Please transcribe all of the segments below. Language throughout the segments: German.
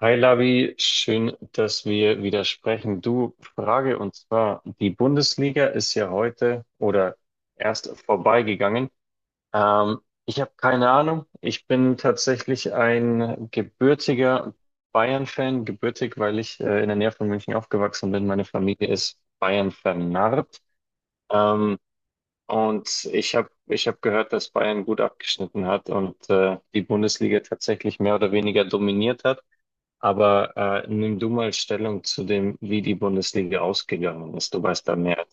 Hi Lavi, schön, dass wir wieder sprechen. Du, Frage und zwar, die Bundesliga ist ja heute oder erst vorbeigegangen. Ähm, Ich habe keine Ahnung. Ich bin tatsächlich ein gebürtiger Bayern-Fan, gebürtig, weil ich in der Nähe von München aufgewachsen bin. Meine Familie ist Bayern vernarrt. Ähm, und ich hab gehört, dass Bayern gut abgeschnitten hat und die Bundesliga tatsächlich mehr oder weniger dominiert hat. Aber nimm du mal Stellung zu dem, wie die Bundesliga ausgegangen ist. Du weißt da mehr.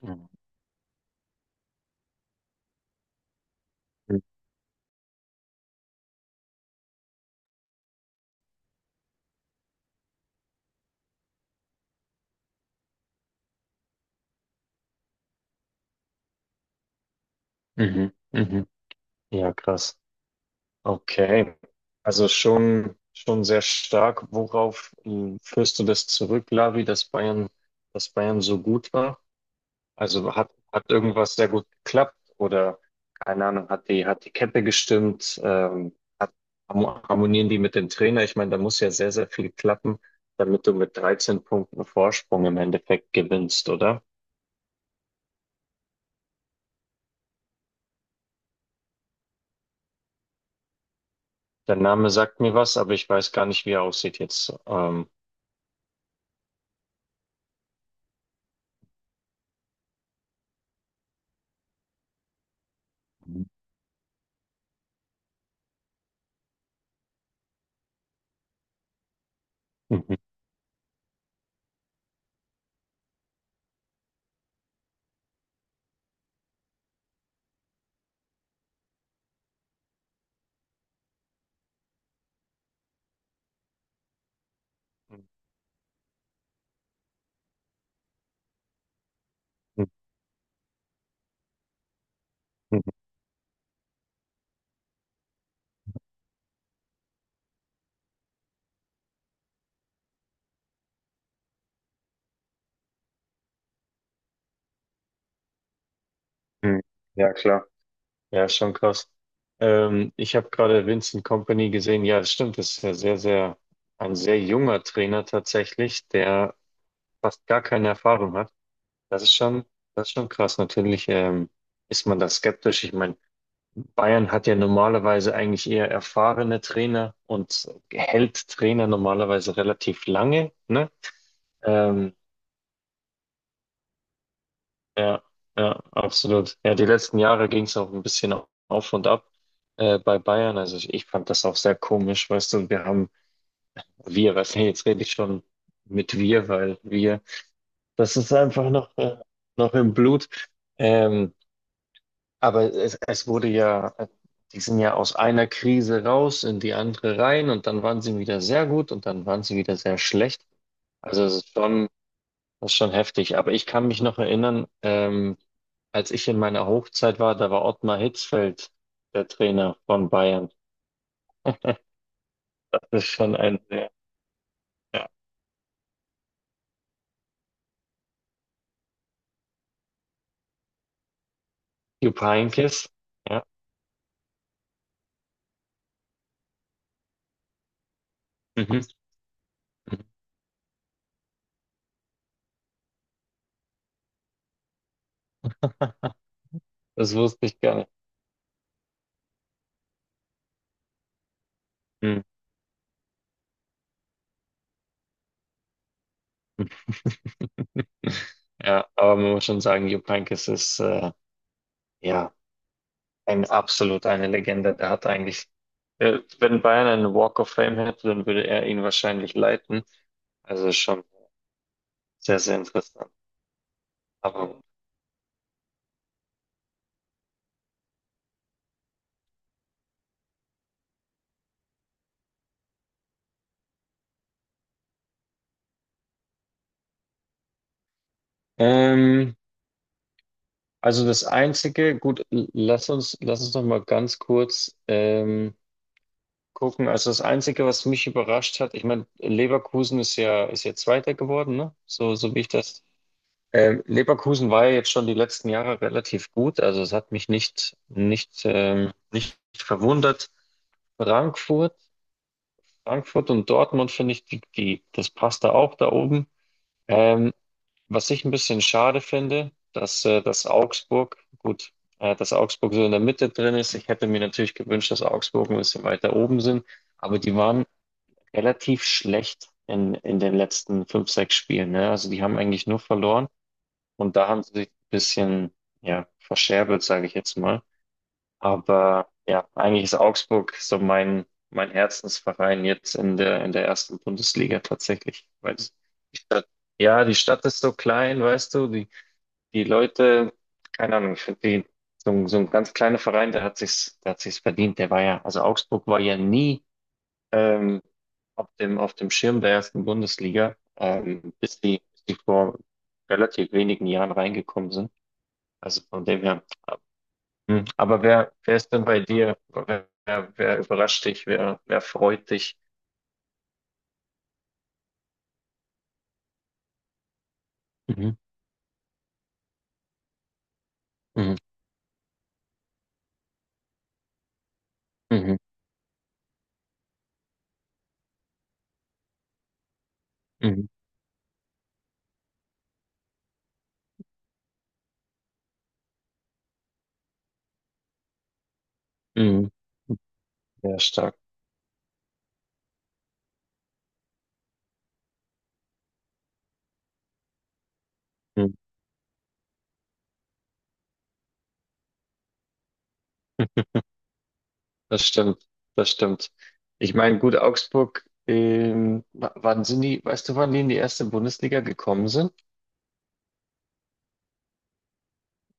Mhm. Mhm. Mhm. Ja, krass. Okay. Also schon, schon sehr stark. Worauf führst du das zurück, Lavi, dass Bayern so gut war? Also hat, hat irgendwas sehr gut geklappt oder keine Ahnung, hat die Kette gestimmt, hat, harmonieren die mit dem Trainer? Ich meine, da muss ja sehr, sehr viel klappen, damit du mit 13 Punkten Vorsprung im Endeffekt gewinnst, oder? Der Name sagt mir was, aber ich weiß gar nicht, wie er aussieht jetzt. Mhm. Ja, klar. Ja, schon krass. Ich habe gerade Vincent Kompany gesehen. Ja, das stimmt. Das ist ja sehr, sehr ein sehr junger Trainer tatsächlich, der fast gar keine Erfahrung hat. Das ist schon, das ist schon krass. Natürlich ist man da skeptisch. Ich meine, Bayern hat ja normalerweise eigentlich eher erfahrene Trainer und hält Trainer normalerweise relativ lange, ne? Ähm, ja, ja, absolut. Ja, die letzten Jahre ging es auch ein bisschen auf und ab. Bei Bayern, also ich fand das auch sehr komisch, weißt du, wir haben, wir, weißt du, jetzt rede ich schon mit wir, weil wir, das ist einfach noch, noch im Blut. Ähm, Aber es wurde ja, die sind ja aus einer Krise raus in die andere rein und dann waren sie wieder sehr gut und dann waren sie wieder sehr schlecht. Also es ist schon, das ist schon heftig. Aber ich kann mich noch erinnern, als ich in meiner Hochzeit war, da war Ottmar Hitzfeld der Trainer von Bayern. Das ist schon ein sehr, ja, Jupp Heynckes. Ja. Mhm. Das wusste ich gar nicht. Hm. Ja, aber man muss schon sagen, Jupp Heynckes ist, ja, ein absolut eine Legende. Der hat eigentlich, wenn Bayern einen Walk of Fame hätte, dann würde er ihn wahrscheinlich leiten. Also schon sehr, sehr interessant. Aber gut. ähm, also das Einzige, gut, lass uns noch mal ganz kurz gucken. Also das Einzige, was mich überrascht hat, ich meine, Leverkusen ist ja Zweiter geworden, ne? So, so wie ich das. Leverkusen war ja jetzt schon die letzten Jahre relativ gut. Also es hat mich nicht, nicht, nicht verwundert. Frankfurt, Frankfurt und Dortmund finde ich, die, die, das passt da auch da oben. Ähm, was ich ein bisschen schade finde, dass, dass Augsburg, gut, dass Augsburg so in der Mitte drin ist. Ich hätte mir natürlich gewünscht, dass Augsburg ein bisschen weiter oben sind, aber die waren relativ schlecht in den letzten fünf, sechs Spielen, ne? Also die haben eigentlich nur verloren und da haben sie sich ein bisschen, ja, verscherbelt, sage ich jetzt mal. Aber ja, eigentlich ist Augsburg so mein Herzensverein jetzt in der ersten Bundesliga tatsächlich. Weil die Stadt, ja, die Stadt ist so klein, weißt du, die, die Leute, keine Ahnung, ich finde die, so, so ein ganz kleiner Verein, der hat sich's verdient, der war ja, also Augsburg war ja nie, ähm, auf dem Schirm der ersten Bundesliga, bis die vor relativ wenigen Jahren reingekommen sind. Also von dem her. Hm, aber wer, wer ist denn bei dir? Wer, wer, wer überrascht dich? Wer, wer freut dich? Mhm. Mhm. Mhm. Mhm. Mhm. Sehr stark. Mhm. Das stimmt. Das stimmt. Ich meine, gut, Augsburg, wann sind die, weißt du, wann die in die erste Bundesliga gekommen sind?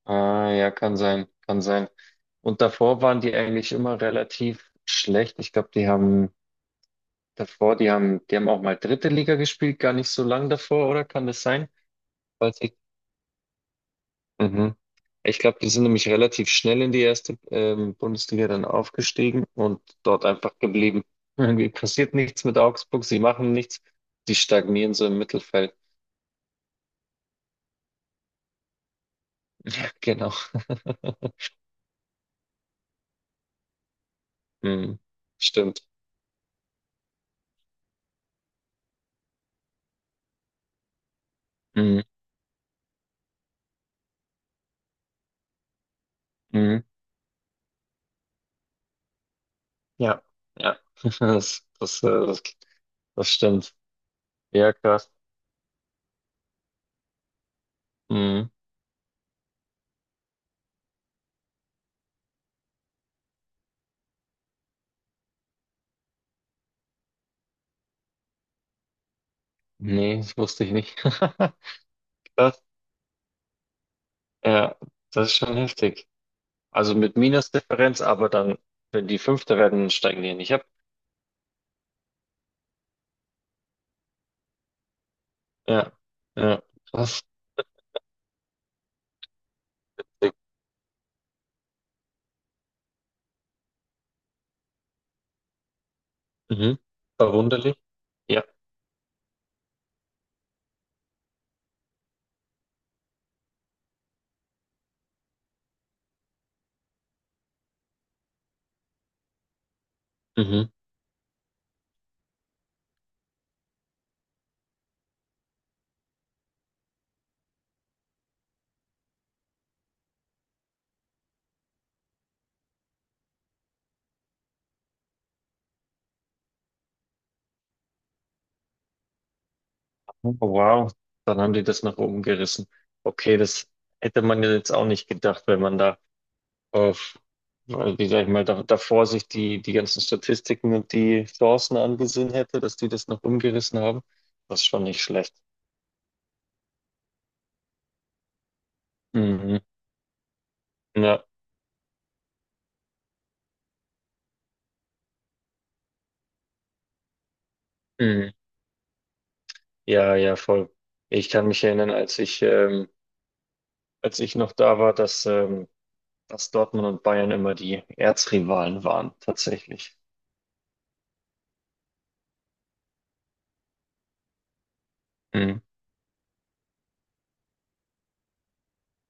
Ah, ja, kann sein, kann sein. Und davor waren die eigentlich immer relativ schlecht. Ich glaube, die haben davor, die haben auch mal dritte Liga gespielt, gar nicht so lang davor, oder? Kann das sein? Mhm. Ich glaube, die sind nämlich relativ schnell in die erste Bundesliga dann aufgestiegen und dort einfach geblieben. Irgendwie passiert nichts mit Augsburg, sie machen nichts, die stagnieren so im Mittelfeld. Genau. Mhm. Stimmt. Mhm. Mhm. Ja, ja. Das, das, das, das stimmt. Ja, krass. Mhm. Nee, das wusste ich nicht. Krass. Ja, das ist schon heftig. Also mit Minusdifferenz, aber dann, wenn die Fünfte werden, steigen die nicht ab. Ja, ja, krass. Mhm. Verwunderlich. Ja, mhm. Oh, wow, dann haben die das nach oben gerissen. Okay, das hätte man ja jetzt auch nicht gedacht, wenn man da auf, weil, wie sag ich mal, da, davor sich die, die ganzen Statistiken und die Chancen angesehen hätte, dass die das noch umgerissen haben. Das ist schon nicht schlecht. Mhm. Ja, mhm. Ja, ja, voll. Ich kann mich erinnern, als ich noch da war, dass, dass Dortmund und Bayern immer die Erzrivalen waren, tatsächlich.